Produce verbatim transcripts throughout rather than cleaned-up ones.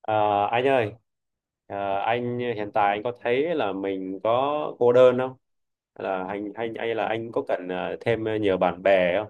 Ờ, anh ơi, ờ, anh hiện tại anh có thấy là mình có cô đơn không? Là anh anh hay là anh có cần ờ, thêm nhiều bạn bè không?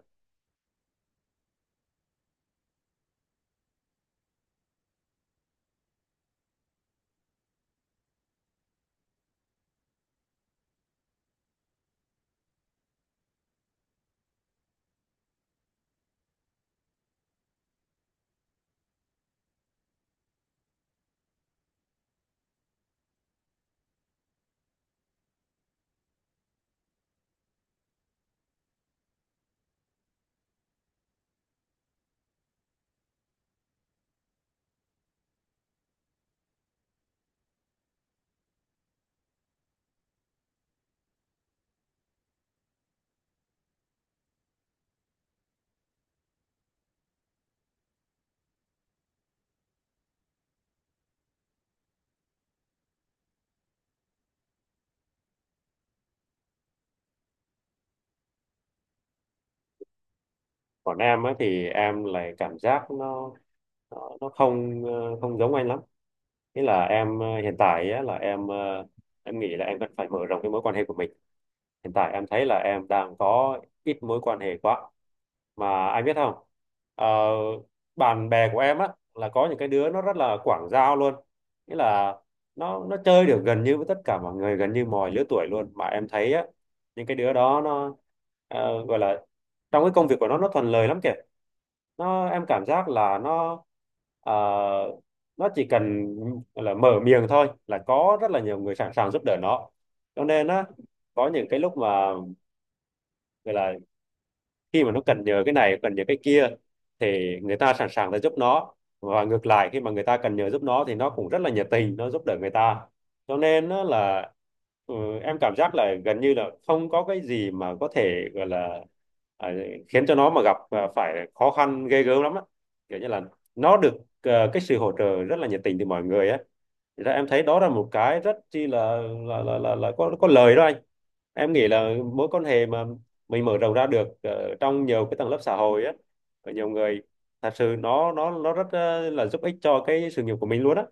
Còn em ấy thì em lại cảm giác nó nó, nó không ờ, không giống anh lắm. Thế là em ờ, hiện tại á, là em ờ, em nghĩ là em cần phải mở rộng cái mối quan hệ của mình. Hiện tại em thấy là em đang có ít mối quan hệ quá. Mà anh biết không? Ờ, Bạn bè của em á là có những cái đứa nó rất là quảng giao luôn. Nghĩa là nó nó chơi được gần như với tất cả mọi người, gần như mọi lứa tuổi luôn. Mà em thấy á những cái đứa đó nó ờ, gọi là trong cái công việc của nó nó thuận lợi lắm kìa. Nó em cảm giác là nó ờ, nó chỉ cần là mở miệng thôi là có rất là nhiều người sẵn sàng giúp đỡ nó, cho nên á có những cái lúc mà gọi là khi mà nó cần nhờ cái này cần nhờ cái kia thì người ta sẵn sàng để giúp nó, và ngược lại khi mà người ta cần nhờ giúp nó thì nó cũng rất là nhiệt tình nó giúp đỡ người ta, cho nên nó là ừ, em cảm giác là gần như là không có cái gì mà có thể gọi là à, khiến cho nó mà gặp à, phải khó khăn ghê gớm lắm á, kiểu như là nó được ờ, cái sự hỗ trợ rất là nhiệt tình từ mọi người á. Thì ra em thấy đó là một cái rất chi là là là là, là có có lời đó anh. Em nghĩ là mối quan hệ mà mình mở rộng ra được ờ, trong nhiều cái tầng lớp xã hội á, ở nhiều người thật sự nó nó nó rất ờ, là giúp ích cho cái sự nghiệp của mình luôn á.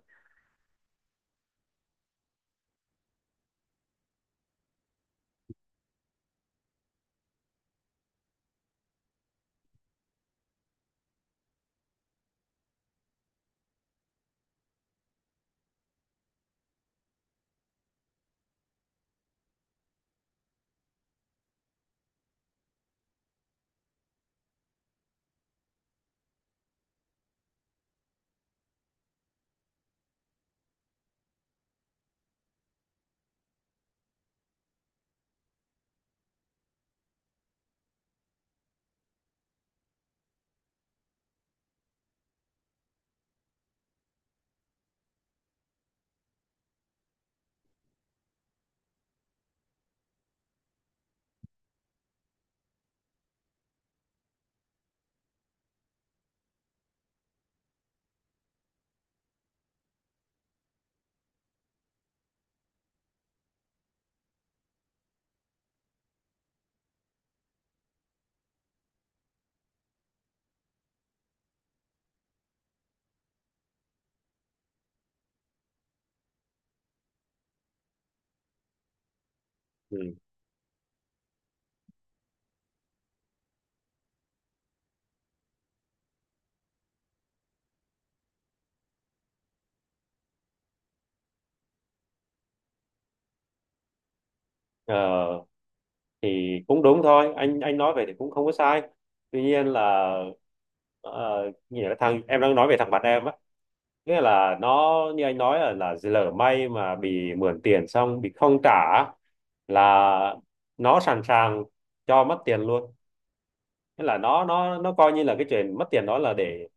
Ừ. Ờ, thì cũng đúng thôi, anh anh nói về thì cũng không có sai, tuy nhiên là ờ, như là thằng em đang nói về thằng bạn em á, nghĩa là nó như anh nói là là lỡ may mà bị mượn tiền xong bị không trả á, là nó sẵn sàng cho mất tiền luôn. Thế là nó nó nó coi như là cái chuyện mất tiền đó là để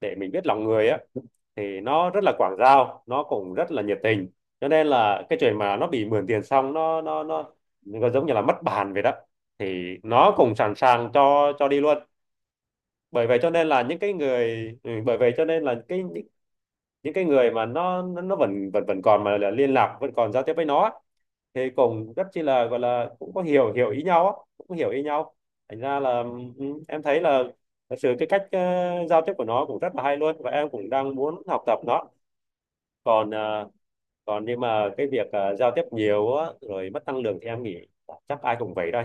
để mình biết lòng người á, thì nó rất là quảng giao nó cũng rất là nhiệt tình, cho nên là cái chuyện mà nó bị mượn tiền xong nó nó nó nó giống như là mất bàn vậy đó, thì nó cũng sẵn sàng cho cho đi luôn, bởi vậy cho nên là những cái người ừ, bởi vậy cho nên là cái những cái người mà nó nó nó vẫn vẫn vẫn còn mà là liên lạc vẫn còn giao tiếp với nó á, thì cũng rất chi là gọi là cũng có hiểu hiểu ý nhau á, cũng có hiểu ý nhau, thành ra là ừ, em thấy là thật sự cái cách ờ, giao tiếp của nó cũng rất là hay luôn, và em cũng đang muốn học tập nó. Còn ờ, còn nhưng mà cái việc ờ, giao tiếp nhiều á, rồi mất năng lượng thì em nghĩ chắc ai cũng vậy thôi,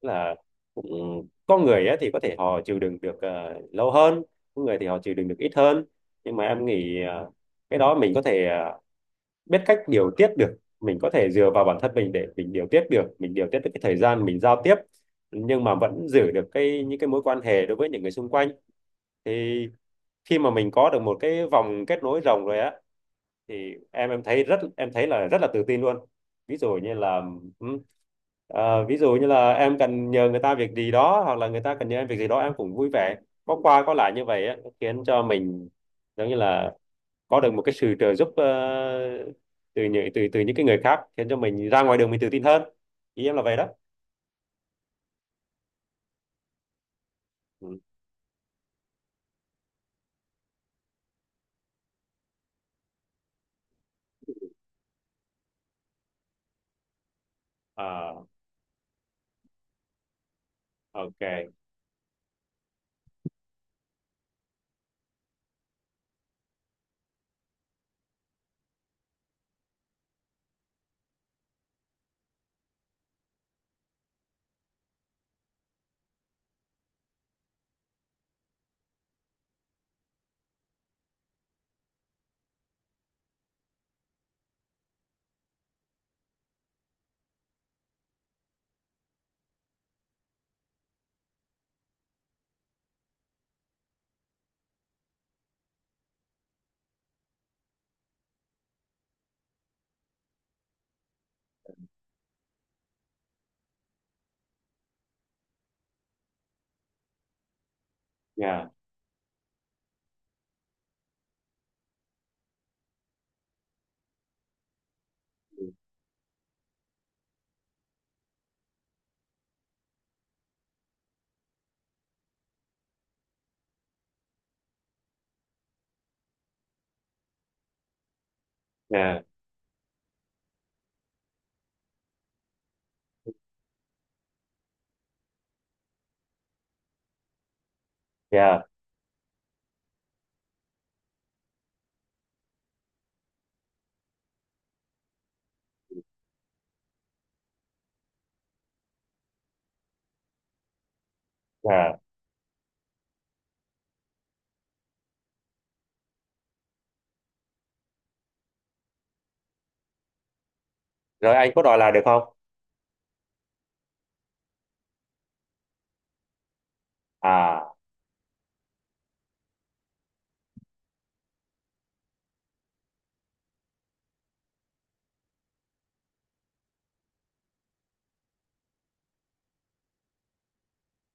là cũng có người á, thì có thể họ chịu đựng được ờ, lâu hơn, có người thì họ chịu đựng được ít hơn, nhưng mà em nghĩ ờ, cái đó mình có thể ờ, biết cách điều tiết được, mình có thể dựa vào bản thân mình để mình điều tiết được, mình điều tiết được cái thời gian mình giao tiếp, nhưng mà vẫn giữ được cái những cái mối quan hệ đối với những người xung quanh. Thì khi mà mình có được một cái vòng kết nối rộng rồi á, thì em em thấy rất em thấy là rất là tự tin luôn. Ví dụ như là ừm, ờ, ví dụ như là em cần nhờ người ta việc gì đó, hoặc là người ta cần nhờ em việc gì đó em cũng vui vẻ, có qua có lại như vậy á, khiến cho mình giống như là có được một cái sự trợ giúp ờ, từ những từ từ những cái người khác, khiến cho mình ra ngoài đường mình tự tin hơn. Ý em là vậy đó. Ừ. À, ok. Yeah. Yeah. Yeah. Yeah. Rồi anh có đòi lại được không? À.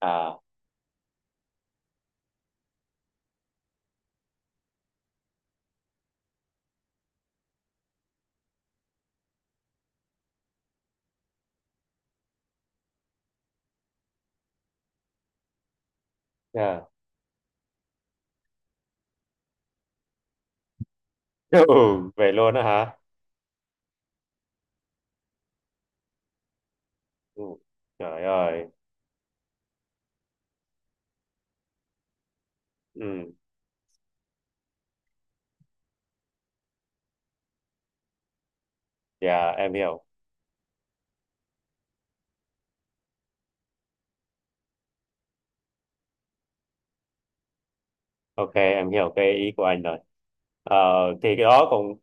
À. Yeah. Ừ, vậy luôn đó hả? Ừ. Trời ơi, ừ, dạ em hiểu, ok em hiểu cái ý của anh rồi. Ờ, thì cái đó cũng,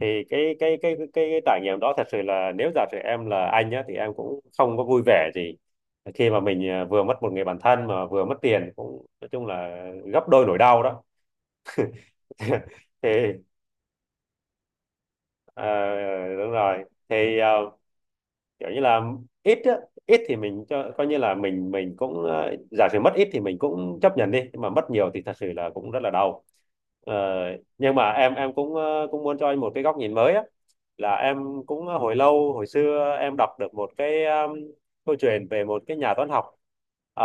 thì cái cái cái cái, cái trải nghiệm đó thật sự là nếu giả sử em là anh nhá thì em cũng không có vui vẻ gì khi mà mình à, vừa mất một người bạn thân mà vừa mất tiền, cũng nói chung là gấp đôi nỗi đau đó. Thì ờ, đúng rồi, thì ờ, kiểu như là ít á, ít thì mình cho coi như là mình mình cũng ờ, giả sử mất ít thì mình cũng chấp nhận đi, nhưng mà mất nhiều thì thật sự là cũng rất là đau. Ờ, nhưng mà em em cũng ờ, cũng muốn cho anh một cái góc nhìn mới á, là em cũng hồi lâu hồi xưa em đọc được một cái um, câu chuyện về một cái nhà toán học. Ờ,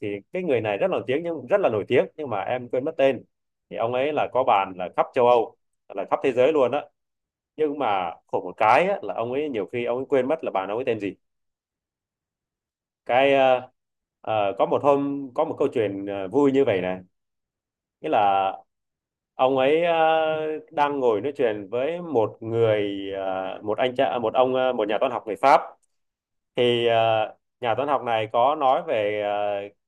thì cái người này rất là nổi tiếng, nhưng rất là nổi tiếng nhưng mà em quên mất tên. Thì ông ấy là có bạn là khắp châu Âu, là khắp thế giới luôn á, nhưng mà khổ một cái á, là ông ấy nhiều khi ông ấy quên mất là bạn ông ấy tên gì. Cái ờ, ờ, có một hôm có một câu chuyện ờ, vui như vậy này, nghĩa là ông ấy ờ, đang ngồi nói chuyện với một người ờ, một anh cha một ông ờ, một nhà toán học người Pháp. Thì ờ, nhà toán học này có nói về ờ,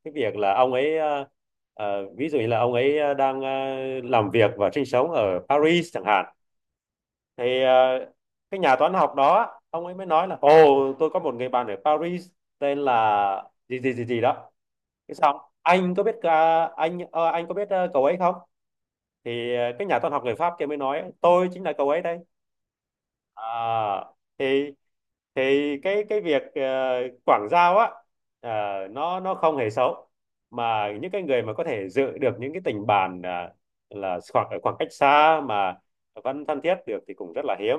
cái việc là ông ấy ờ, ờ, ví dụ như là ông ấy ờ, đang ờ, làm việc và sinh sống ở Paris chẳng hạn. Thì ờ, cái nhà toán học đó ông ấy mới nói là, "Ồ, tôi có một người bạn ở Paris tên là gì gì gì gì đó." Cái xong, "Anh có biết ờ, anh ờ, anh có biết ờ, cậu ấy không?" Thì ờ, cái nhà toán học người Pháp kia mới nói, "Tôi chính là cậu ấy đây." À, thì thì cái cái việc ờ, quảng giao á, ờ, nó nó không hề xấu, mà những cái người mà có thể dự được những cái tình bạn ờ, là khoảng ở khoảng cách xa mà vẫn thân thiết được thì cũng rất là hiếm,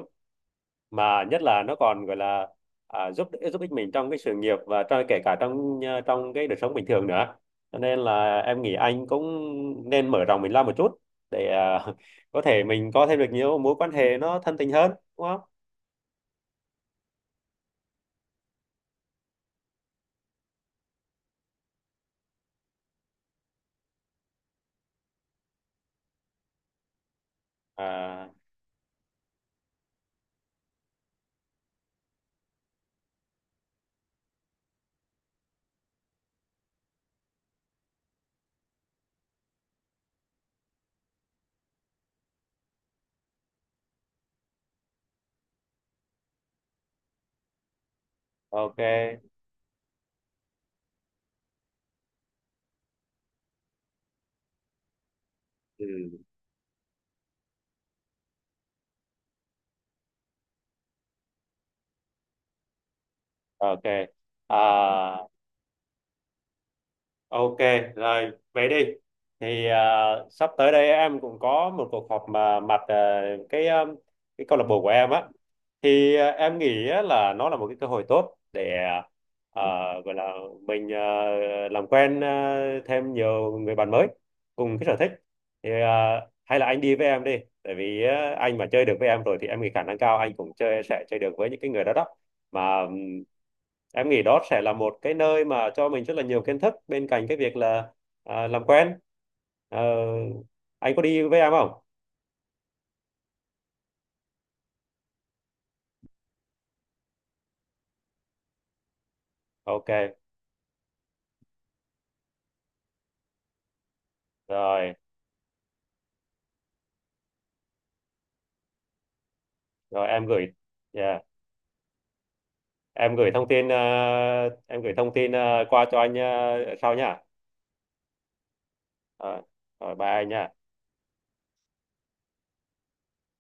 mà nhất là nó còn gọi là à, giúp giúp ích mình trong cái sự nghiệp và trong kể cả trong à, trong cái đời sống bình thường nữa. Cho nên là em nghĩ anh cũng nên mở rộng mình ra một chút để à, có thể mình có thêm được nhiều mối quan hệ nó thân tình hơn, đúng không? À, ok. Ừ. Ok. À, ok, rồi vậy đi. Thì à, sắp tới đây em cũng có một cuộc họp mà mặt à, cái à, cái câu lạc bộ của em á. Thì à, em nghĩ á là nó là một cái cơ hội tốt để à, gọi là mình à, làm quen à, thêm nhiều người bạn mới cùng cái sở thích. Thì à, hay là anh đi với em đi, tại vì à, anh mà chơi được với em rồi thì em nghĩ khả năng cao anh cũng chơi sẽ chơi được với những cái người đó đó, mà ừm, em nghĩ đó sẽ là một cái nơi mà cho mình rất là nhiều kiến thức bên cạnh cái việc là à, làm quen. Ờ, anh có đi với em không? Ok. Rồi. Rồi em gửi yeah. em gửi thông tin ờ, Em gửi thông tin ờ, qua cho anh ờ, sau nha. Ờ, Rồi bye anh nha.